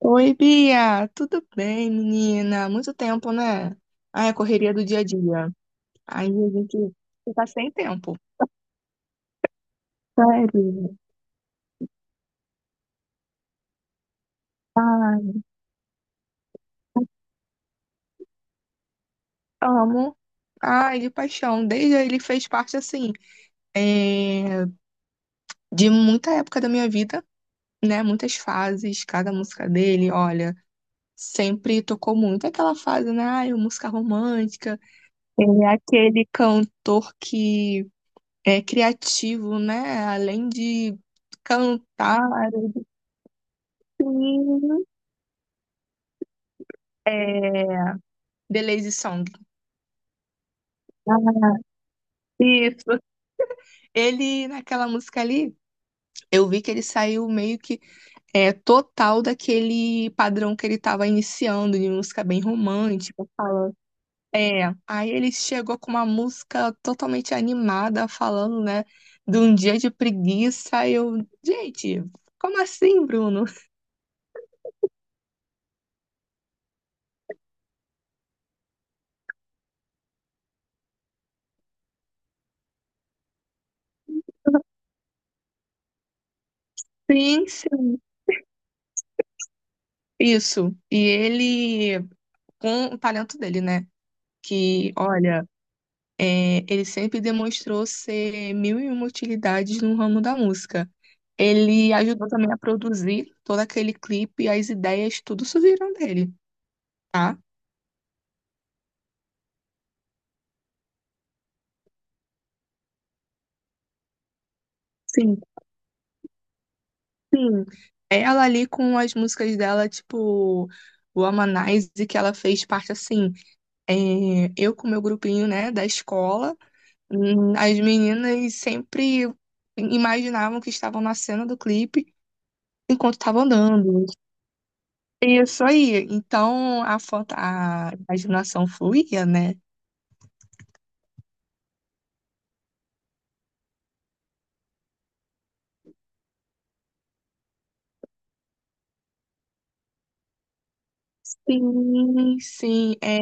Oi, Bia, tudo bem, menina? Muito tempo, né? Ai, a correria do dia a dia. Aí a gente fica sem tempo. Sério? Ai, amo. Ai, de paixão. Desde aí ele fez parte, assim, é, de muita época da minha vida, né? Muitas fases, cada música dele, olha, sempre tocou muito. Aquela fase, né? Ai, música romântica. Ele é aquele cantor que é criativo, né? Além de cantar, assim, é, The Lazy Song. Ah, isso. Ele, naquela música ali, eu vi que ele saiu meio que total daquele padrão que ele estava iniciando, de música bem romântica, falando. É, aí ele chegou com uma música totalmente animada, falando, né, de um dia de preguiça. E eu, gente, como assim, Bruno? Sim, sim. Isso. E ele com o talento dele, né? Que, olha, ele sempre demonstrou ser mil e uma utilidades no ramo da música. Ele ajudou também a produzir todo aquele clipe, as ideias, tudo isso viram dele, tá? Sim, sim. Ela ali com as músicas dela, tipo, o Amanize, que ela fez parte assim, eu com meu grupinho, né, da escola, as meninas sempre imaginavam que estavam na cena do clipe enquanto estavam andando. Isso aí. Então a foto, a imaginação fluía, né? Sim, sim, é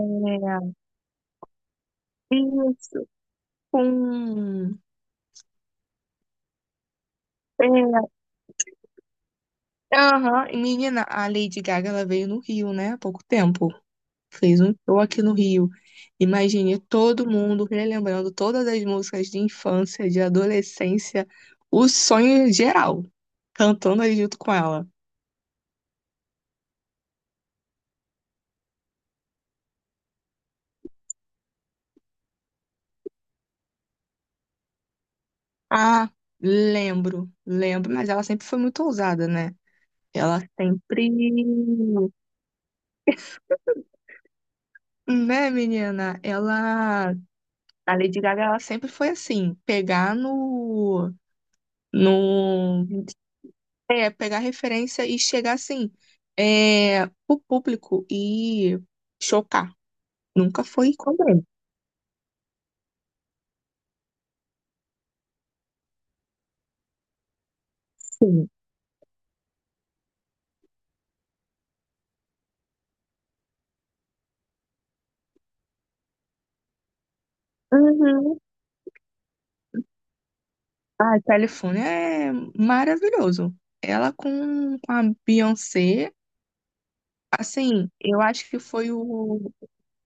isso. Com é, aham. E, menina, a Lady Gaga ela veio no Rio, né? Há pouco tempo. Fez um show aqui no Rio. Imagine todo mundo relembrando todas as músicas de infância, de adolescência, o sonho geral, cantando aí junto com ela. Ah, lembro, lembro, mas ela sempre foi muito ousada, né? Ela sempre, né, menina? Ela, a Lady Gaga, ela sempre foi assim, pegar no, no, é, pegar referência e chegar assim, o público e chocar. Nunca foi com Sim. Uhum. Ah, Califórnia é maravilhoso. Ela com a Beyoncé, assim, eu acho que foi o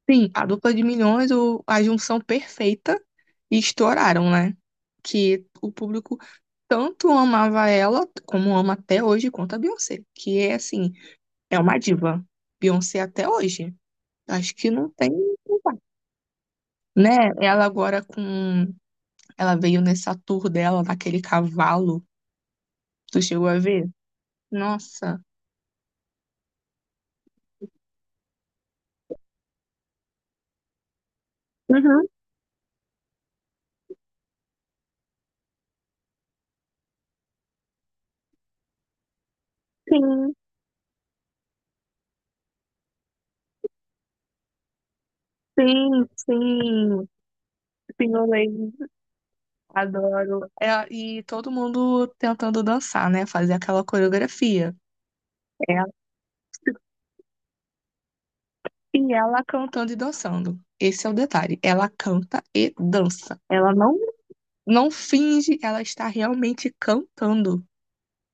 Sim, a dupla de milhões, o, a junção perfeita, e estouraram, né? Que o público tanto amava ela, como ama até hoje, quanto a Beyoncé, que é assim, é uma diva. Beyoncé até hoje. Acho que não tem, não vai, né? Ela agora com. Ela veio nessa tour dela, naquele cavalo. Tu chegou a ver? Nossa. Uhum, sim, sim, sim. Sim, eu lembro. Adoro. É, e todo mundo tentando dançar, né? Fazer aquela coreografia. É. E ela cantando e dançando. Esse é o detalhe. Ela canta e dança. Ela não finge, ela está realmente cantando.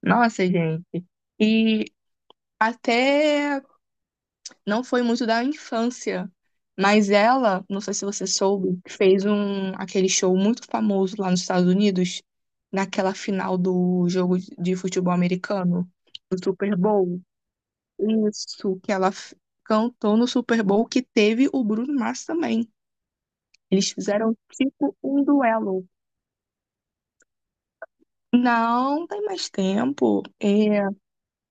Nossa, gente. E até não foi muito da infância, mas ela, não sei se você soube, fez aquele show muito famoso lá nos Estados Unidos, naquela final do jogo de futebol americano, do Super Bowl. Isso, que ela cantou no Super Bowl que teve o Bruno Mars também. Eles fizeram tipo um duelo. Não, tem mais tempo. É,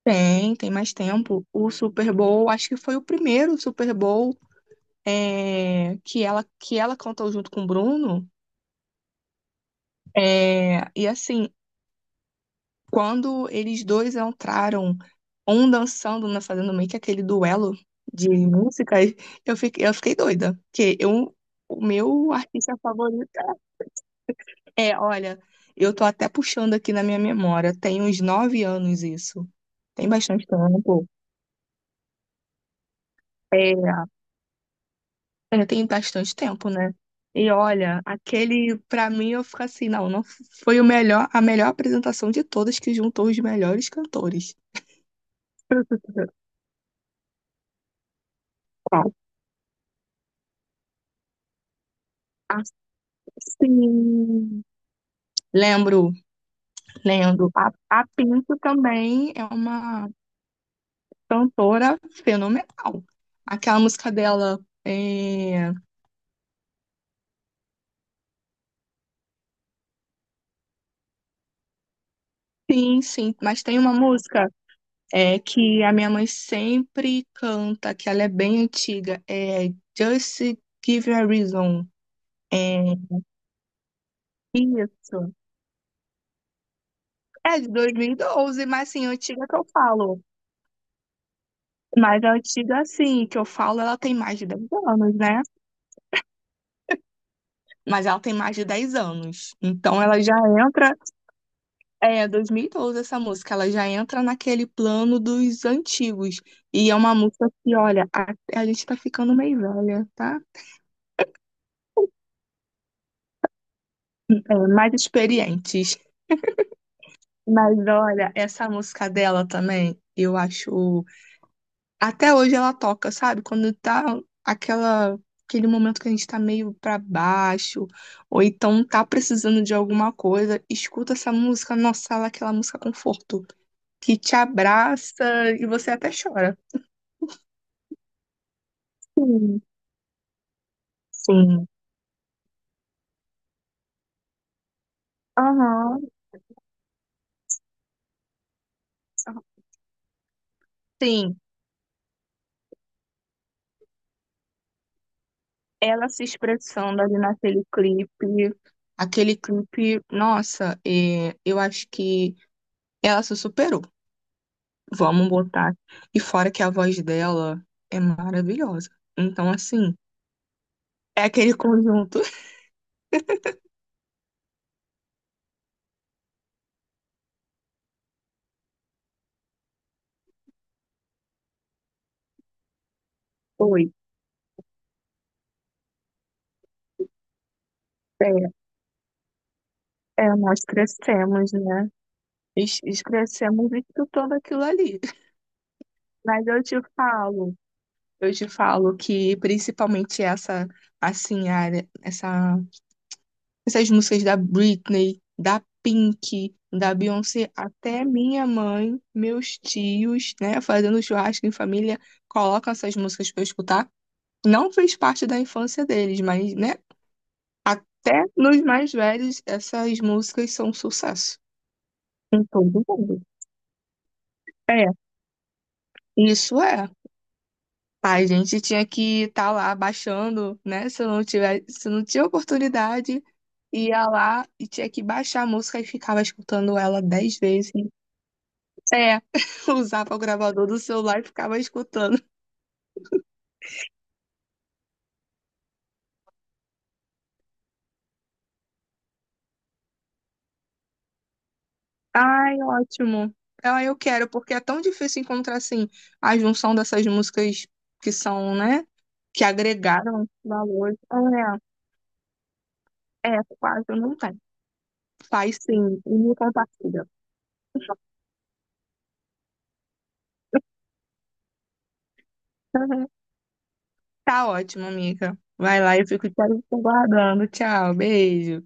tem mais tempo. O Super Bowl, acho que foi o primeiro Super Bowl que ela cantou junto com o Bruno. É, e assim, quando eles dois entraram, um dançando, né, fazendo meio que aquele duelo de músicas, eu fiquei doida. Porque eu, o meu artista favorito olha, eu tô até puxando aqui na minha memória, tem uns 9 anos isso. Tem bastante tempo. É, tem bastante tempo, né? E olha, aquele, pra mim, eu fico assim, não foi o melhor, a melhor apresentação de todas que juntou os melhores cantores. Qual? Ah, sim. Lembro, lembro. A Pinto também é uma cantora fenomenal. Aquela música dela é... Sim, sim, mas tem uma música que a minha mãe sempre canta, que ela é bem antiga, é Just Give Me a Reason. É, isso. É de 2012, mas assim, antiga que eu falo. Mas a antiga, assim, que eu falo, ela tem mais de 10 anos, né? Mas ela tem mais de 10 anos. Então ela já entra. É, 2012 essa música, ela já entra naquele plano dos antigos. E é uma música que, olha, a gente tá ficando meio velha, tá? É, mais experientes. Mas olha, essa música dela também, eu acho. Até hoje ela toca, sabe? Quando tá aquela, aquele momento que a gente tá meio pra baixo, ou então tá precisando de alguma coisa, escuta essa música, nossa, ela é aquela música conforto, que te abraça e você até chora. Sim, sim. Aham. Sim, ela se expressando ali naquele clipe. Aquele clipe, nossa, eu acho que ela se superou. Vamos botar. E fora que a voz dela é maravilhosa. Então, assim, é aquele conjunto. Oi, é, nós crescemos, né? Crescemos escutando aquilo ali. Mas eu te falo que principalmente essa, assim, área, essa, essas músicas da Britney, da Pink, da Beyoncé, até minha mãe, meus tios, né, fazendo churrasco em família, colocam essas músicas pra eu escutar. Não fez parte da infância deles, mas, né? Até nos mais velhos, essas músicas são um sucesso. Em todo mundo. É, isso é. A gente tinha que estar lá baixando, né? Se eu não tiver, se eu não tinha oportunidade, ia lá e tinha que baixar a música e ficava escutando ela 10 vezes. É, usava o gravador do celular e ficava escutando. Ai, ótimo. Ah, eu quero, porque é tão difícil encontrar assim a junção dessas músicas que são, né? Que agregaram valor. É, é, quase não tem. Faz sim, e me compartilha. Tá ótimo, amiga. Vai lá, eu fico te aguardando. Tchau, beijo.